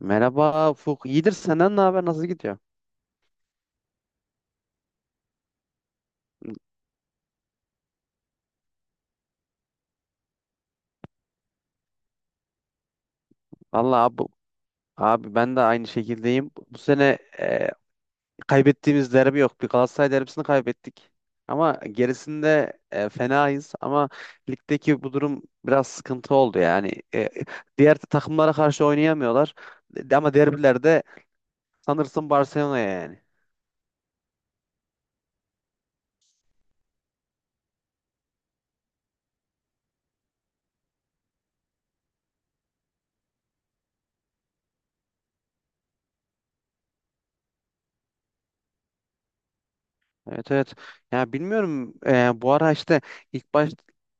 Merhaba Ufuk. İyidir, senden ne haber? Nasıl gidiyor? Vallahi abi, ben de aynı şekildeyim. Bu sene kaybettiğimiz derbi yok. Bir Galatasaray derbisini kaybettik. Ama gerisinde fenayız. Ama ligdeki bu durum biraz sıkıntı oldu yani. Diğer takımlara karşı oynayamıyorlar. Ama derbilerde sanırsın Barcelona'ya yani. Evet, evet. Ya, bilmiyorum, bu ara işte ilk baş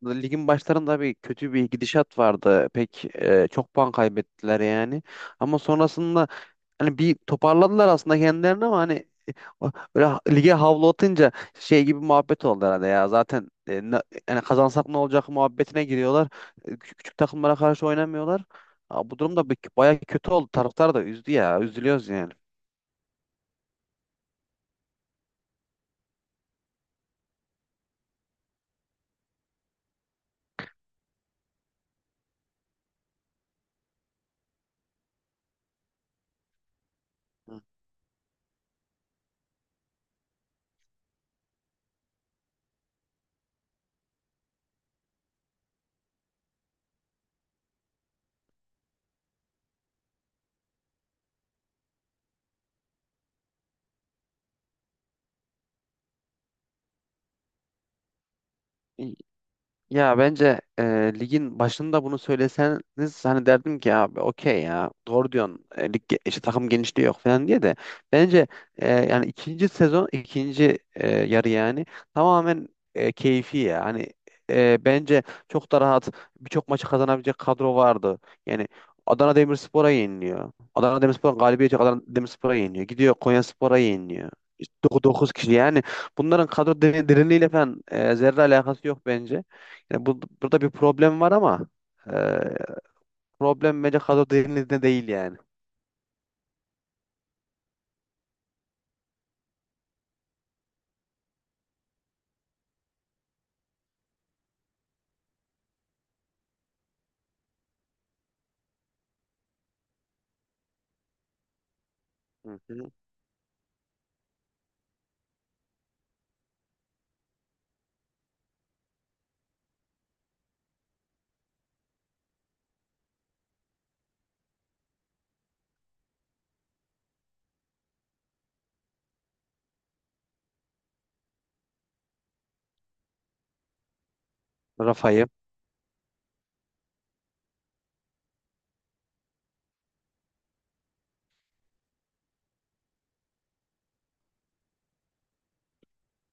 ligin başlarında bir kötü bir gidişat vardı. Pek çok puan kaybettiler yani. Ama sonrasında hani bir toparladılar aslında kendilerini, ama hani böyle lige havlu atınca şey gibi muhabbet oldu herhalde ya. Zaten yani kazansak ne olacak muhabbetine giriyorlar. Küçük, küçük takımlara karşı oynamıyorlar. Aa, bu durum da baya kötü oldu. Taraftar da üzdü ya. Üzülüyoruz yani. Hı. Ya, bence ligin başında bunu söyleseniz hani derdim ki abi okey, ya, doğru diyorsun. İşte takım genişliği yok falan diye de bence yani ikinci sezon, ikinci yarı yani tamamen keyfi ya hani bence çok da rahat birçok maçı kazanabilecek kadro vardı yani. Adana Demirspor'a yeniliyor, Adana Demirspor'un galibiyeti, Adana Demirspor'a yeniliyor gidiyor, Konyaspor'a yeniliyor. İşte 9 kişi yani, bunların kadro derinliğiyle falan zerre alakası yok bence. Yani burada bir problem var, ama e, problem bence kadro derinliğinde değil yani. Hı hı. Rafa'yı.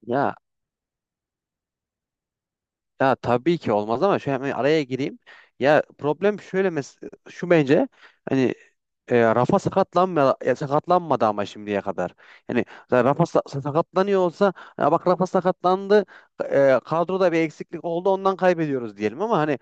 Ya ya, tabii ki olmaz, ama şöyle hemen araya gireyim. Ya problem şöyle, şu bence hani, Rafa sakatlanmadı ama şimdiye kadar. Yani zaten Rafa sakatlanıyor olsa, ya bak, Rafa sakatlandı, kadroda bir eksiklik oldu, ondan kaybediyoruz diyelim, ama hani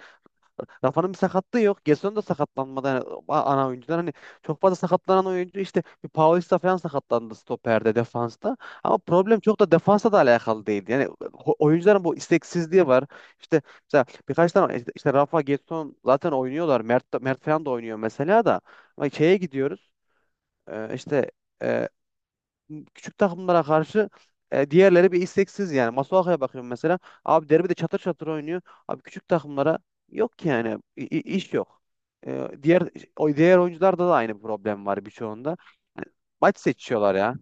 Rafa'nın bir sakatlığı yok. Gerson da sakatlanmadı. Yani ana oyuncular hani, çok fazla sakatlanan oyuncu işte bir Paulista falan sakatlandı stoperde, defansta. Ama problem çok da defansa da alakalı değildi. Yani oyuncuların bu isteksizliği var. İşte mesela birkaç tane işte Rafa, Gerson zaten oynuyorlar. Mert falan da oynuyor mesela da. Ama şeye gidiyoruz. İşte e, küçük takımlara karşı diğerleri bir isteksiz yani. Masuaku'ya bakıyorum mesela. Abi, derbide çatır çatır oynuyor. Abi, küçük takımlara yok ki yani. İş yok. E, diğer Diğer oyuncularda da aynı problem var birçoğunda. Yani maç seçiyorlar ya.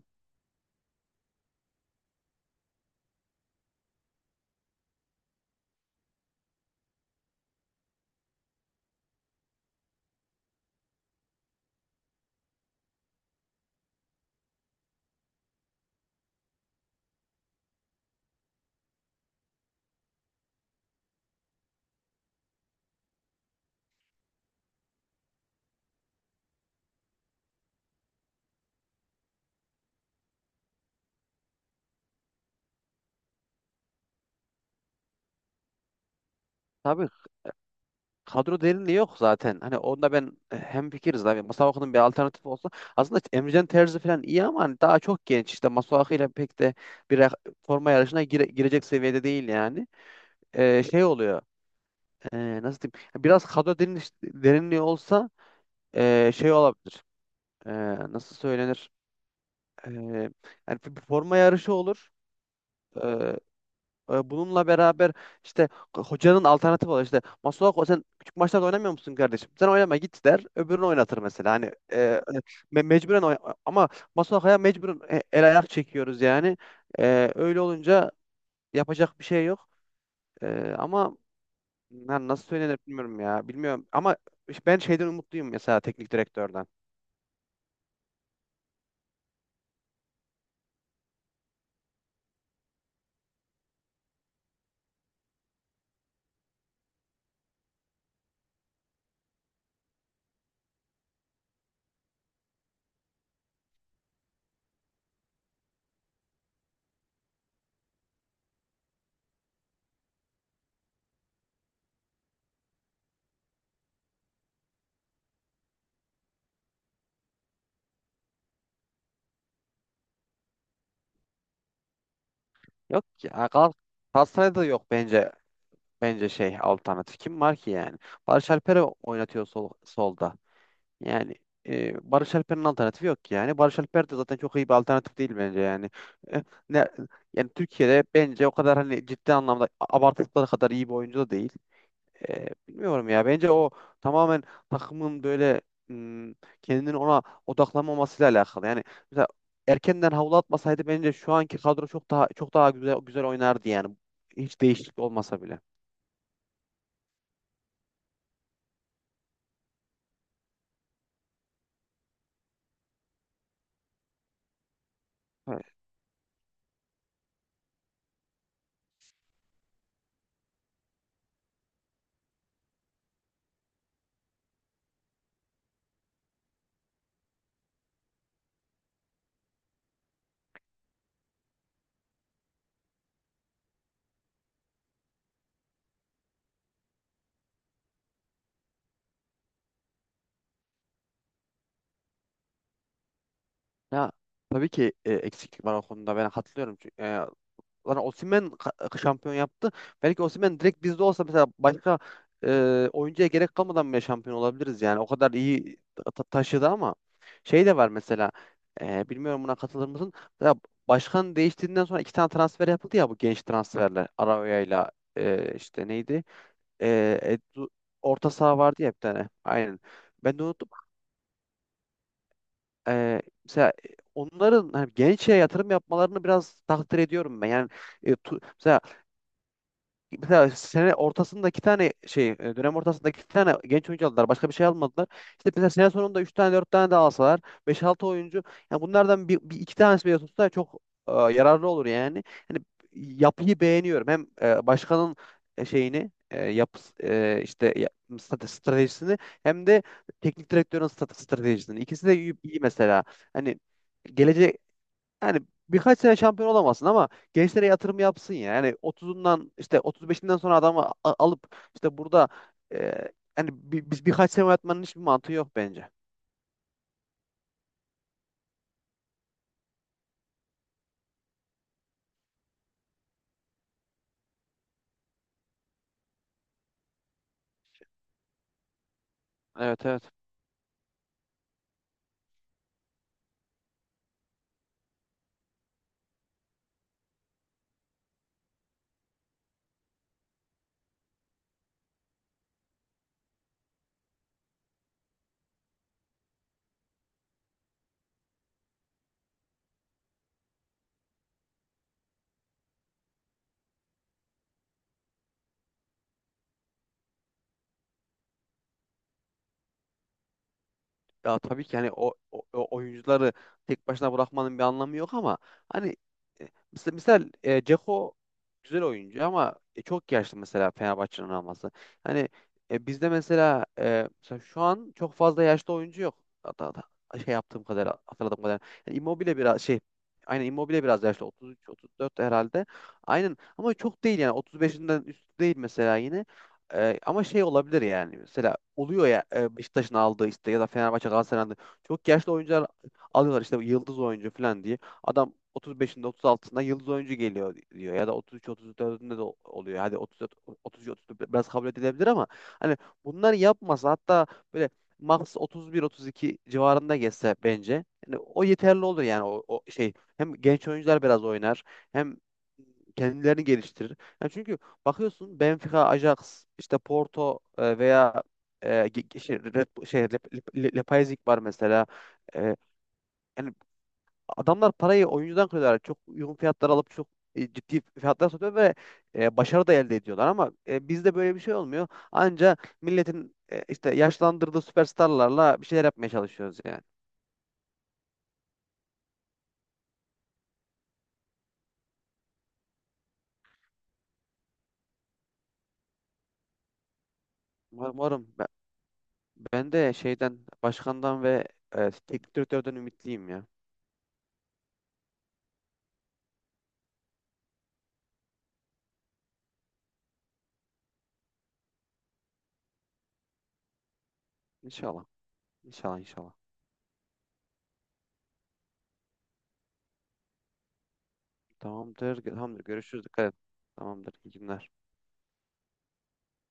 Tabii, kadro derinliği yok zaten. Hani onda ben hemfikiriz abi. Masuaku'nun bir alternatif olsa, aslında Emrecan Terzi falan iyi ama hani daha çok genç. İşte Masuaku ile pek de bir ra- forma yarışına girecek seviyede değil yani. Şey oluyor. Nasıl diyeyim? Biraz kadro derinliği olsa şey olabilir. Ee, Nasıl söylenir? Ee, Yani bir forma yarışı olur. e, Bununla beraber işte hocanın alternatifi var. İşte, Masuako, sen küçük maçlarda oynamıyor musun kardeşim? Sen oynama, git der. Öbürünü oynatır mesela. Hani mecburen ama Masuako'ya mecburen el ayak çekiyoruz yani. Öyle olunca yapacak bir şey yok. Ama yani nasıl söylenir bilmiyorum ya. Bilmiyorum, ama işte ben şeyden umutluyum, mesela teknik direktörden. Yok ki. Ha, Galatasaray'da da yok bence bence şey alternatif. Kim var ki yani? Barış Alper'i oynatıyor, solda. Yani Barış Alper'in alternatifi yok yani. Barış Alper de zaten çok iyi bir alternatif değil bence yani. E, ne, Yani Türkiye'de bence o kadar hani, ciddi anlamda abartıldıkları kadar iyi bir oyuncu da değil. Bilmiyorum ya. Bence o tamamen takımın böyle, m, kendini ona odaklanmamasıyla alakalı. Yani mesela erkenden havlu atmasaydı, bence şu anki kadro çok daha güzel güzel oynardı yani. Hiç değişiklik olmasa bile. Evet. Ya tabii ki eksiklik var o konuda, ben hatırlıyorum. Yani Osimhen şampiyon yaptı. Belki Osimhen direkt bizde olsa, mesela başka oyuncuya gerek kalmadan bile şampiyon olabiliriz yani. O kadar iyi taşıdı, ama şey de var mesela. Bilmiyorum, buna katılır mısın? Mesela başkan değiştiğinden sonra iki tane transfer yapıldı ya, bu genç transferler. Araoya'yla işte neydi? E, Edu- Orta saha vardı ya, bir tane. Aynen. Ben de unuttum. Mesela onların hani gençlere yatırım yapmalarını biraz takdir ediyorum ben. Yani e, tu- mesela mesela sene ortasında iki tane şey, dönem ortasında iki tane genç oyuncu aldılar. Başka bir şey almadılar. İşte mesela sene sonunda üç tane dört tane de alsalar, beş altı oyuncu, yani bunlardan bir iki tanesi bile tutsa çok yararlı olur yani. Hani yapıyı beğeniyorum. Hem başkanın şeyini, işte stratejisini, hem de teknik direktörün stratejisini. İkisi de iyi, iyi mesela. Hani gelecek, yani birkaç sene şampiyon olamazsın, ama gençlere yatırım yapsın ya. Yani 30'undan işte 35'inden sonra adamı alıp işte burada, e, yani biz birkaç sene oynatmanın hiçbir mantığı yok bence. Evet, evet. Ya tabii ki hani o oyuncuları tek başına bırakmanın bir anlamı yok, ama hani e, mesela Dzeko güzel oyuncu ama çok yaşlı, mesela Fenerbahçe'nin alması. Hani bizde mesela şu an çok fazla yaşlı oyuncu yok. Hatta şey yaptığım kadar, hatırladığım kadar. Yani Immobile biraz şey, aynen, Immobile biraz yaşlı, 33 34 herhalde. Aynen ama çok değil yani, 35'inden üstü değil mesela yine. Ama şey olabilir yani, mesela oluyor ya, Beşiktaş'ın aldığı işte, ya da Fenerbahçe, Galatasaray'ın aldığı çok yaşlı oyuncular alıyorlar işte, yıldız oyuncu falan diye. Adam 35'inde 36'sında yıldız oyuncu geliyor diyor, ya da 33-34'ünde de oluyor. Hadi 33-34 biraz kabul edilebilir, ama hani bunları yapmasa, hatta böyle max 31-32 civarında geçse bence yani, o yeterli olur yani, o şey, hem genç oyuncular biraz oynar, hem kendilerini geliştirir. Yani çünkü bakıyorsun Benfica, Ajax, işte Porto veya şey, Leipzig var mesela. E, Yani adamlar parayı oyuncudan kırıyorlar. Çok uygun fiyatlar alıp çok ciddi fiyatlar satıyor ve başarı da elde ediyorlar, ama bizde böyle bir şey olmuyor. Anca milletin işte yaşlandırdığı süperstarlarla bir şeyler yapmaya çalışıyoruz yani. Umarım, umarım. Ben de şeyden, başkandan ve teknik direktörden ümitliyim ya. İnşallah. İnşallah, inşallah. Tamamdır. Tamamdır. Görüşürüz. Dikkat et. Tamamdır. İyi günler.